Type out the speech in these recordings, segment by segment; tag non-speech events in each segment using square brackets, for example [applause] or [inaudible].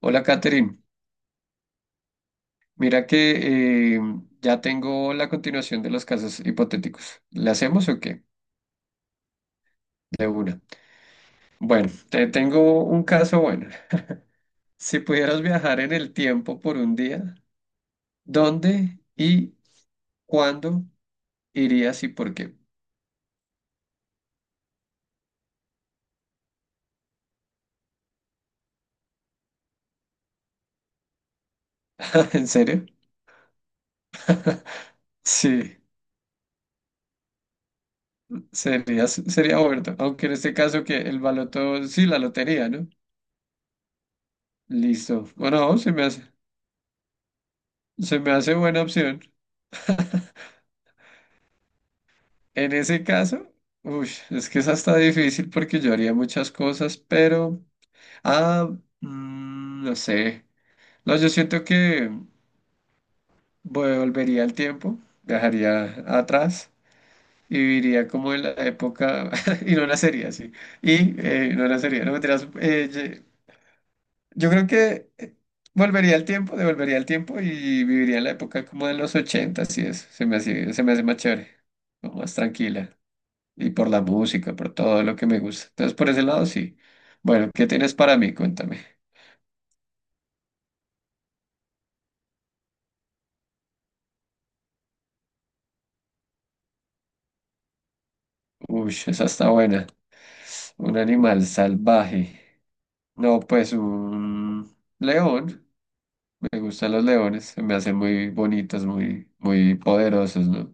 Hola, Catherine. Mira que ya tengo la continuación de los casos hipotéticos. ¿Le hacemos o qué? De una. Bueno, te tengo un caso bueno. Si pudieras viajar en el tiempo por un día, ¿dónde y cuándo irías y por qué? [laughs] ¿En serio? Sí, sería bueno. Aunque en este caso que el baloto, sí, la lotería, ¿no? Listo. Bueno, se me hace buena opción. [laughs] En ese caso, uy, es que es hasta difícil porque yo haría muchas cosas, pero... Ah, no sé. No, yo siento que volvería al tiempo, viajaría atrás y viviría como en la época... [laughs] y no nacería así. Y no nacería, no mentiras, yo creo que volvería al tiempo, devolvería al tiempo y viviría en la época como de los ochentas y eso. Se me hace más chévere, como más tranquila. Y por la música, por todo lo que me gusta. Entonces, por ese lado, sí. Bueno, ¿qué tienes para mí? Cuéntame. Uy, esa está buena. Un animal salvaje. No, pues un león. Me gustan los leones. Se me hacen muy bonitos, muy, muy poderosos, ¿no?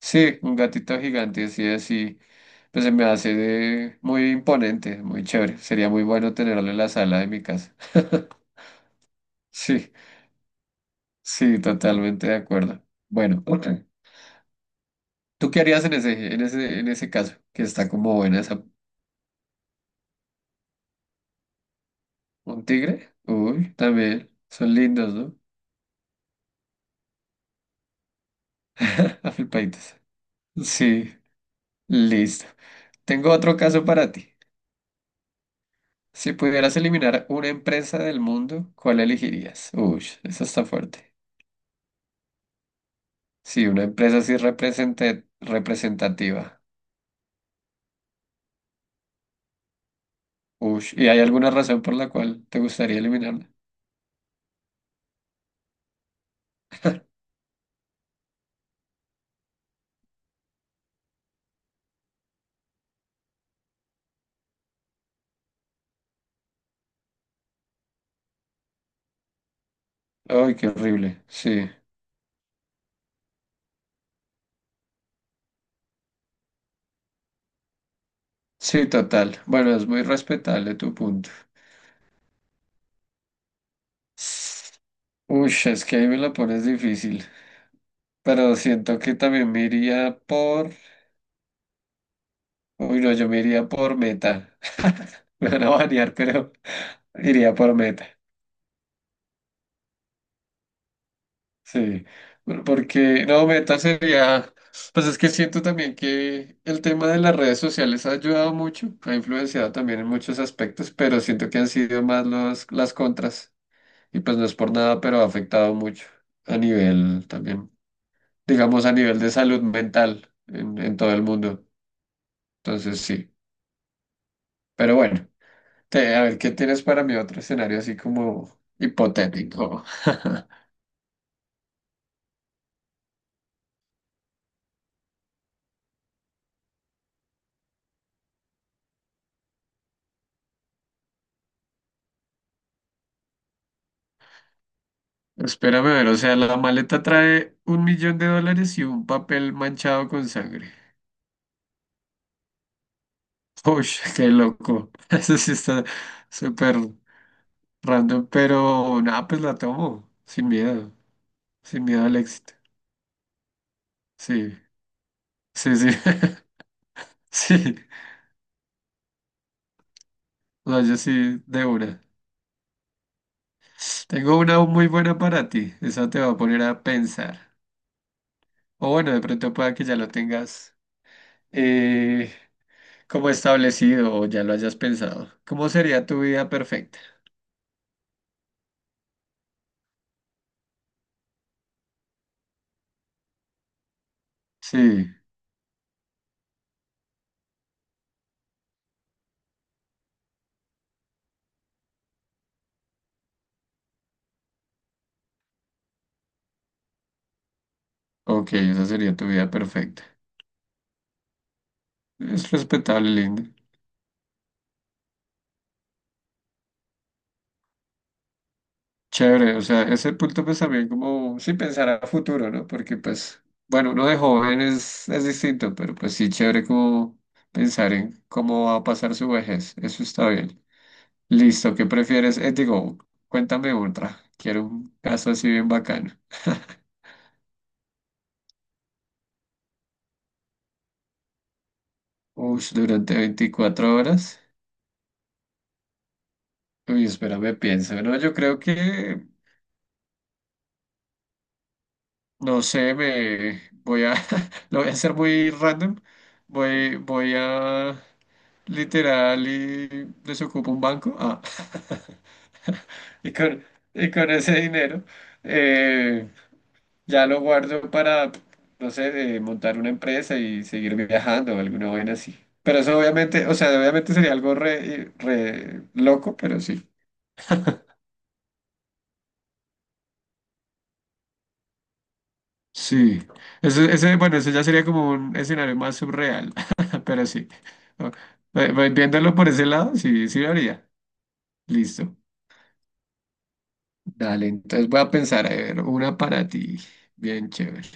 Sí, un gatito gigante así, así. Pues se me hace muy imponente, muy chévere. Sería muy bueno tenerlo en la sala de mi casa. [laughs] Sí, sí, totalmente de acuerdo. Bueno, ok. ¿Tú qué harías en ese caso? Que está como buena esa. ¿Un tigre? Uy, también. Son lindos, ¿no? [laughs] Afilpaditos. Sí, listo. Tengo otro caso para ti. Si pudieras eliminar una empresa del mundo, ¿cuál elegirías? Uy, eso está fuerte. Sí, una empresa así representativa. Uy, ¿y hay alguna razón por la cual te gustaría eliminarla? Ay, qué horrible. Sí, sí, total. Bueno, es muy respetable tu punto. Uy, es que ahí me la pones difícil. Pero siento que también me iría por. Uy, no, yo me iría por Meta. [laughs] Me van a banear, pero iría por Meta. Sí. Porque, no, Meta sería. Pues es que siento también que el tema de las redes sociales ha ayudado mucho, ha influenciado también en muchos aspectos, pero siento que han sido más los, las contras. Y pues no es por nada, pero ha afectado mucho a nivel también, digamos, a nivel de salud mental en todo el mundo. Entonces sí, pero bueno, a ver qué tienes para mi otro escenario así como hipotético. [laughs] Espérame a ver, o sea, la maleta trae un millón de dólares y un papel manchado con sangre. Uy, qué loco. [laughs] Eso sí está súper random, pero nada, pues la tomo, sin miedo, sin miedo al éxito. Sí, sí, sí, [laughs] sí, no, yo sí, de una. Tengo una muy buena para ti, esa te va a poner a pensar. O bueno, de pronto pueda que ya lo tengas eh, como establecido o ya lo hayas pensado. ¿Cómo sería tu vida perfecta? Sí, ok, esa sería tu vida perfecta. Es respetable, lindo. Chévere, o sea, ese punto pues también como, sí, pensar a futuro, ¿no? Porque pues, bueno, uno de joven es distinto, pero pues sí, chévere como pensar en cómo va a pasar su vejez. Eso está bien. Listo, ¿qué prefieres? Digo, cuéntame otra. Quiero un caso así bien bacano. Ush, durante 24 horas. Uy, espérame, pienso. No, yo creo que, no sé, [laughs] lo voy a hacer muy random. Voy, voy a, literal, y desocupo un banco. Ah. [laughs] Y con, y con ese dinero, eh, ya lo guardo para, no sé, montar una empresa y seguir viajando o alguna vaina así. Pero eso obviamente, o sea, obviamente sería algo re loco, pero sí. Sí, bueno, ese ya sería como un escenario más surreal, [laughs] pero sí. O- Viéndolo por ese lado, sí, sí lo haría. Listo. Dale, entonces voy a pensar, a ver, una para ti. Bien chévere.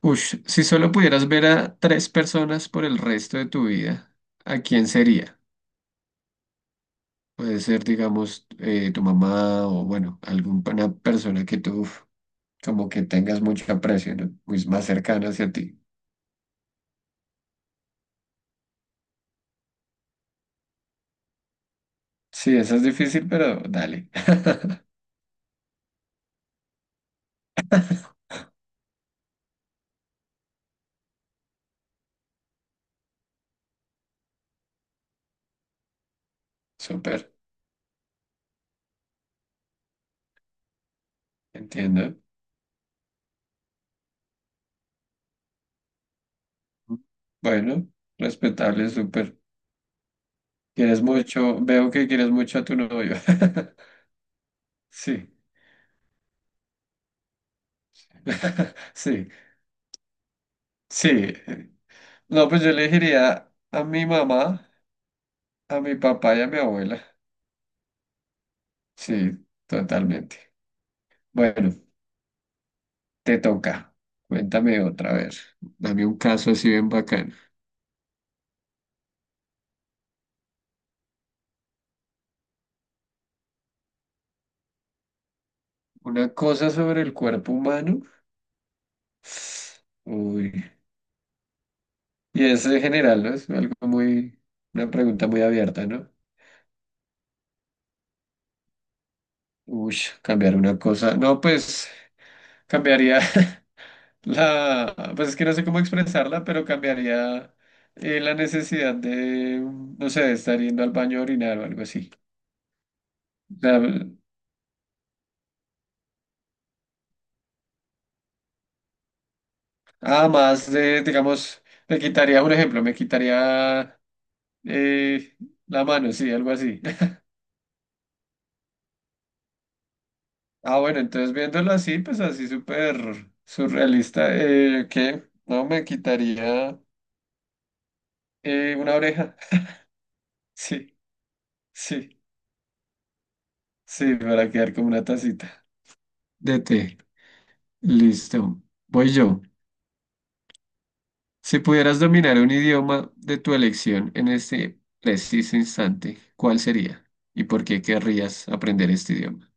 Ush, si solo pudieras ver a 3 personas por el resto de tu vida, ¿a quién sería? Puede ser, digamos, tu mamá o, bueno, alguna persona que tú uf, como que tengas mucho aprecio, ¿no? Pues más cercana hacia ti. Sí, eso es difícil, pero dale. [laughs] Súper, entiendo. Bueno, respetable, súper. Quieres mucho, veo que quieres mucho a tu novio. [laughs] Sí, [laughs] sí, sí. No, pues yo le diría a mi mamá, a mi papá y a mi abuela. Sí, totalmente. Bueno, te toca. Cuéntame otra vez. Dame un caso así bien bacano. Una cosa sobre el cuerpo humano. Uy. Y eso en general, ¿no? Una pregunta muy abierta, ¿no? Uy, cambiar una cosa. No, pues cambiaría [laughs] la, pues es que no sé cómo expresarla, pero cambiaría la necesidad de, no sé, de estar yendo al baño a orinar o algo así. O sea, además de, digamos, me quitaría eh, la mano, sí, algo así. [laughs] Ah, bueno, entonces viéndolo así, pues así súper surrealista, ¿qué? No, me quitaría una oreja. [laughs] Sí, sí, sí, para quedar como una tacita de té. Listo. Voy yo. Si pudieras dominar un idioma de tu elección en este preciso instante, ¿cuál sería? ¿Y por qué querrías aprender este idioma?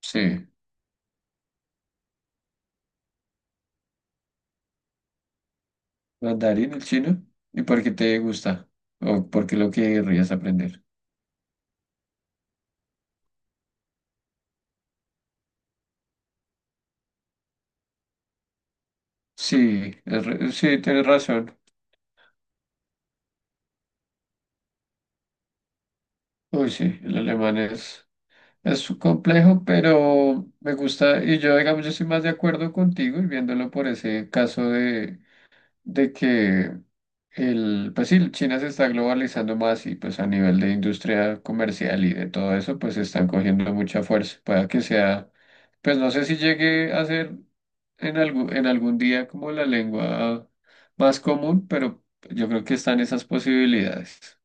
Sí, mandarín, el chino. ¿Y por qué te gusta? ¿O por qué lo querrías aprender? Sí, es sí, tienes razón. Uy, sí, el alemán es complejo, pero me gusta, y yo, digamos, yo estoy más de acuerdo contigo y viéndolo por ese caso de que el, pues sí, China se está globalizando más y pues a nivel de industria comercial y de todo eso, pues están cogiendo mucha fuerza. Pueda que sea, pues no sé si llegue a ser en algún día como la lengua más común, pero yo creo que están esas posibilidades.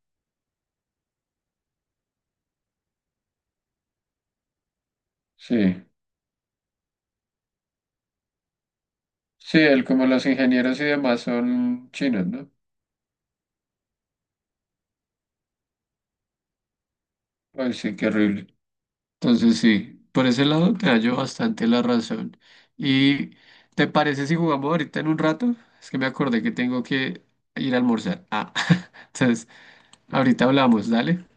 Sí, sí, él como los ingenieros y demás son chinos, ¿no? Ay, sí, qué horrible. Entonces sí, por ese lado te hallo bastante la razón. ¿Y te parece si jugamos ahorita en un rato? Es que me acordé que tengo que ir a almorzar. Ah, entonces, ahorita hablamos, dale.